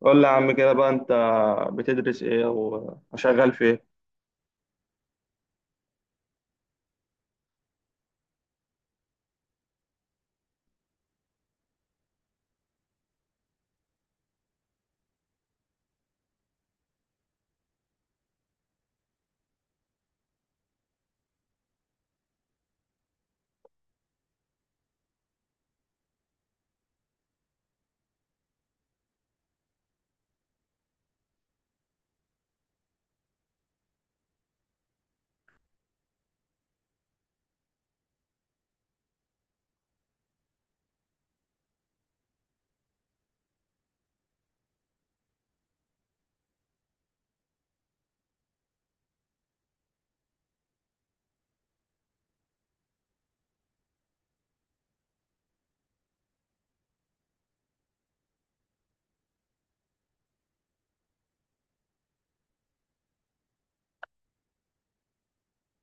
قول لي يا عم كده بقى انت بتدرس ايه او شغال في ايه؟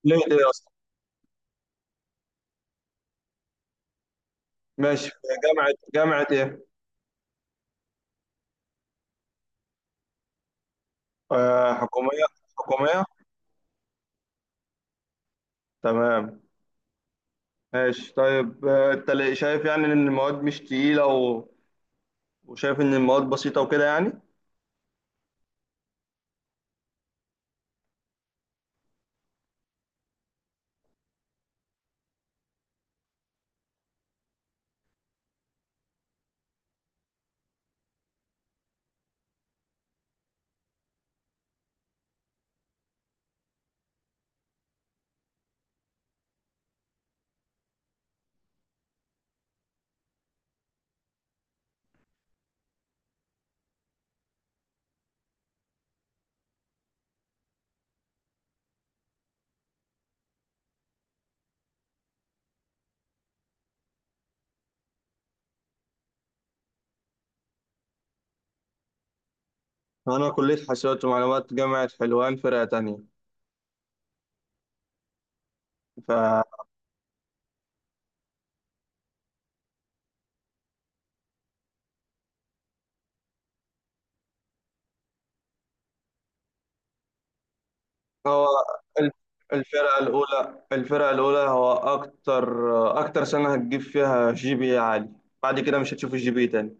ليه ليه اصلا؟ ماشي في جامعه. جامعه ايه؟ آه، حكوميه. حكوميه. تمام ماشي. طيب انت ليه شايف يعني ان المواد مش تقيلة وشايف ان المواد بسيطة وكده يعني؟ انا كليه حاسبات ومعلومات جامعه حلوان فرقه تانية. فهو ال- الفرقه الاولى، الفرقه الاولى هو اكتر اكتر سنه هتجيب فيها جي بي إيه عالي. بعد كده مش هتشوف الجي بي إيه تاني.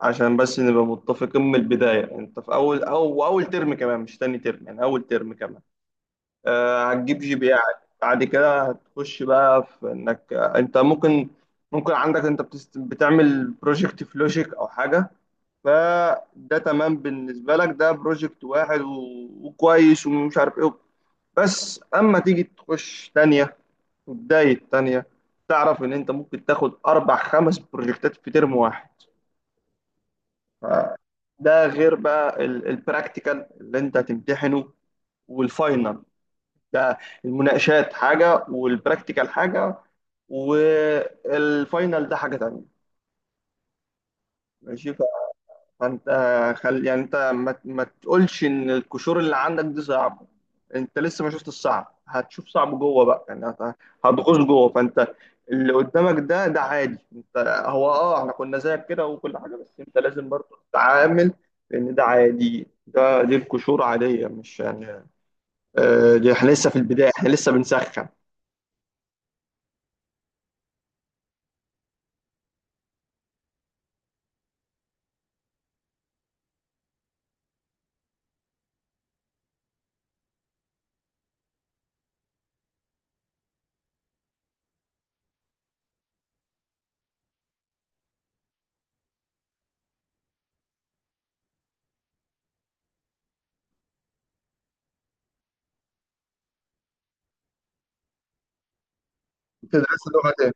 عشان بس نبقى متفقين من البداية، انت في اول او اول ترم كمان، مش تاني ترم، يعني اول ترم كمان آه هتجيب جي بي اي عالي. بعد كده هتخش بقى في انك انت ممكن، ممكن عندك انت بتعمل بروجكت في لوجيك او حاجة، فده تمام بالنسبة لك، ده بروجكت واحد وكويس ومش عارف ايه. بس اما تيجي تخش تانية وبداية تانية، تعرف ان انت ممكن تاخد اربع خمس بروجكتات في ترم واحد. ده غير بقى البراكتيكال اللي انت هتمتحنه والفاينل ده. المناقشات حاجة، والبراكتيكال حاجة، والفاينل ده حاجة تانية. ماشي. فانت خل يعني انت ما تقولش ان القشور اللي عندك دي صعبه. انت لسه ما شفت الصعب، هتشوف صعب جوه بقى، يعني هتغوص جوه. فانت اللي قدامك ده ده عادي. انت هو اه احنا كنا زيك كده وكل حاجه، بس انت لازم برضه تتعامل، لان ده عادي، ده دي القشور عاديه مش يعني. آه دي احنا لسه في البدايه، احنا لسه بنسخن. بتدرس لغه ايه؟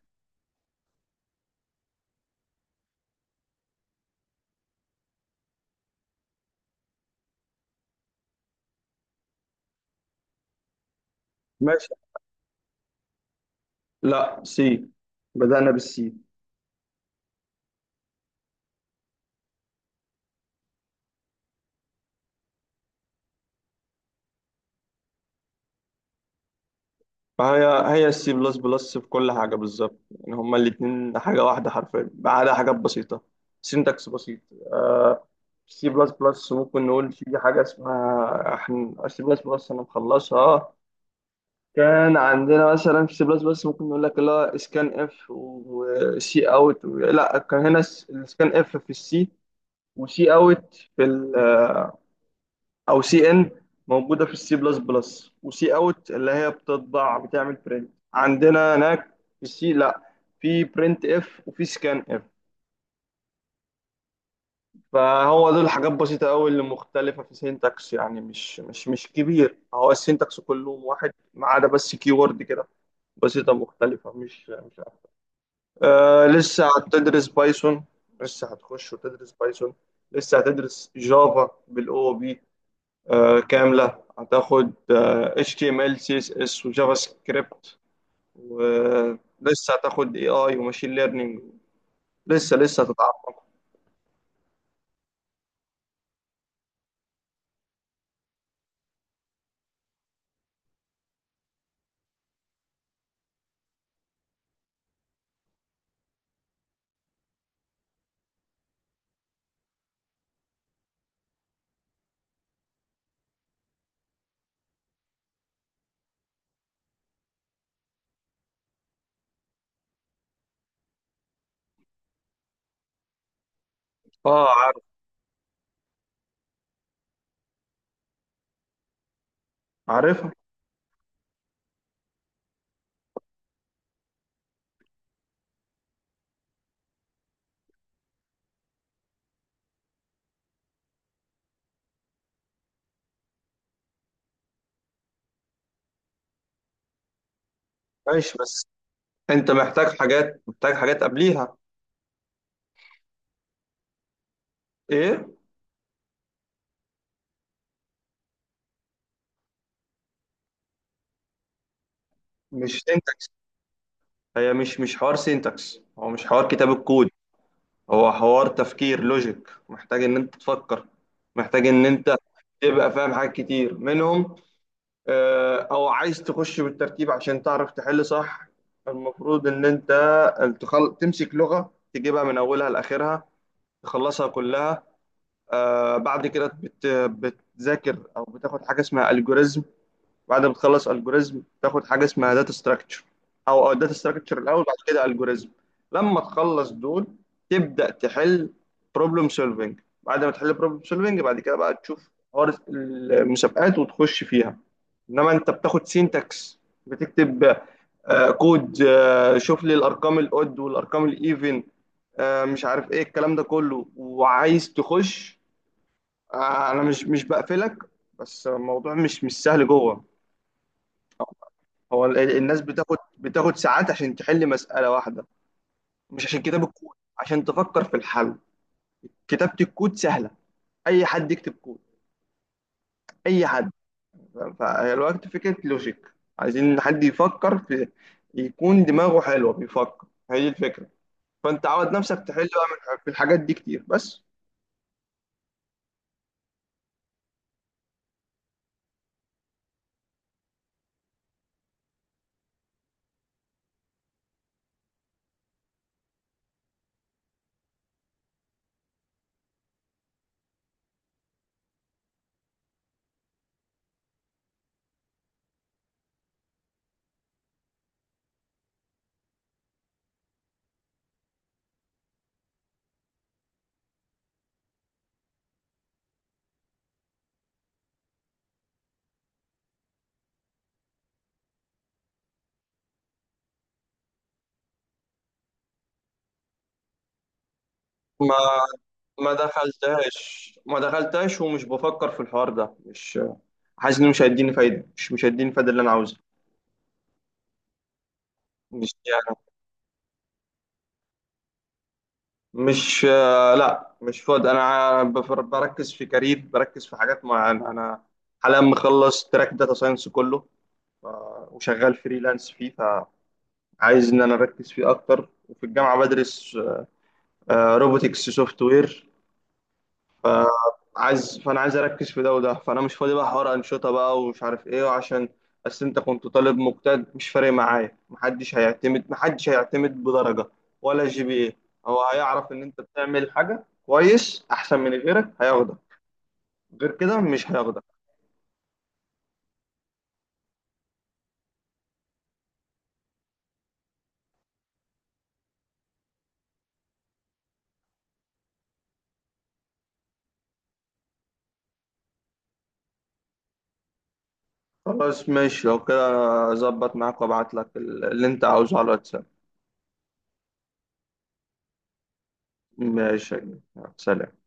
ماشي. لا سي، بدأنا بالسي. فهي، هي السي بلس بلس في كل حاجة بالظبط، يعني هما الاتنين حاجة واحدة حرفيا ما عدا حاجات بسيطة، سينتاكس بسيط. آه، سي بلس بلس ممكن نقول في حاجة اسمها احنا سي بلس بلس أنا مخلصها. كان عندنا مثلا في سي بلس بلس ممكن نقول لك اللي هو اسكان اف وسي اوت، لا كان هنا السكان اف في السي وسي اوت في او سي ان موجوده في السي بلس بلس، وسي اوت اللي هي بتطبع، بتعمل برنت عندنا هناك. في السي لا، في برنت اف وفي سكان اف. فهو دول حاجات بسيطه قوي اللي مختلفه في سينتاكس، يعني مش كبير، هو السينتاكس كله واحد ما عدا بس كي وورد كده، بسيطه مختلفه، مش عارف. آه لسه هتدرس بايثون. لسه هتخش وتدرس بايثون، لسه هتدرس جافا بالاو بي، كاملة هتاخد HTML CSS وجافا سكريبت، ولسه هتاخد AI وماشين ليرنينج. لسه لسه هتتعمق. اه عارف. عارفها. ماشي بس انت محتاج حاجات، محتاج حاجات قبليها. ايه؟ مش سينتاكس. هي مش حوار سينتاكس، هو مش حوار كتاب الكود، هو حوار تفكير لوجيك. محتاج ان انت تفكر، محتاج ان انت تبقى فاهم حاجات كتير منهم. او عايز تخش بالترتيب عشان تعرف تحل صح. المفروض ان انت تمسك لغة تجيبها من اولها لاخرها، تخلصها كلها. آه بعد كده بتذاكر او بتاخد حاجة اسمها الجوريزم. بعد ما تخلص الجوريزم تاخد حاجه اسمها داتا ستراكشر، او داتا ستراكشر الاول بعد كده الجوريزم. لما تخلص دول، تبدا تحل بروبلم سولفنج. بعد ما تحل بروبلم سولفنج بعد كده بقى تشوف حوار المسابقات وتخش فيها. انما انت بتاخد سينتاكس، بتكتب كود، شوف لي الارقام الاود والارقام الايفن، مش عارف ايه الكلام ده كله وعايز تخش. انا مش بقفلك، بس الموضوع مش سهل جوه. هو الناس بتاخد ساعات عشان تحل مسألة واحدة، مش عشان كتاب الكود، عشان تفكر في الحل. كتابة الكود سهلة، أي حد يكتب كود، أي حد. فالوقت فكرة لوجيك، عايزين حد يفكر، في يكون دماغه حلوة بيفكر، هي دي الفكرة. فأنت عود نفسك تحل بقى في الحاجات دي كتير. بس ما ما دخلتهاش، ما دخلتهاش ومش بفكر في الحوار ده، مش حاسس إنه مش هيديني فايدة، مش هيديني الفايدة اللي أنا عاوزها. مش يعني، مش آه، لا مش فاضي. انا بركز في كارير، بركز في حاجات معينه. انا حاليا مخلص تراك داتا ساينس كله، وشغال فريلانس فيه، فعايز ان انا اركز فيه اكتر. وفي الجامعه بدرس روبوتكس سوفت وير، عايز، فانا عايز اركز في ده وده، فانا مش فاضي بقى حوار انشطه بقى ومش عارف ايه عشان. بس انت كنت طالب مجتهد مش فارق معايا، محدش هيعتمد، محدش هيعتمد بدرجه ولا جي بي ايه. هو هيعرف ان انت بتعمل حاجه كويس احسن من غيرك هياخدك، غير كده مش هياخدك. خلاص ماشي لو كده، اظبط معاك وابعت لك اللي انت عاوزه على الواتساب. ماشي يا جماعة. سلام.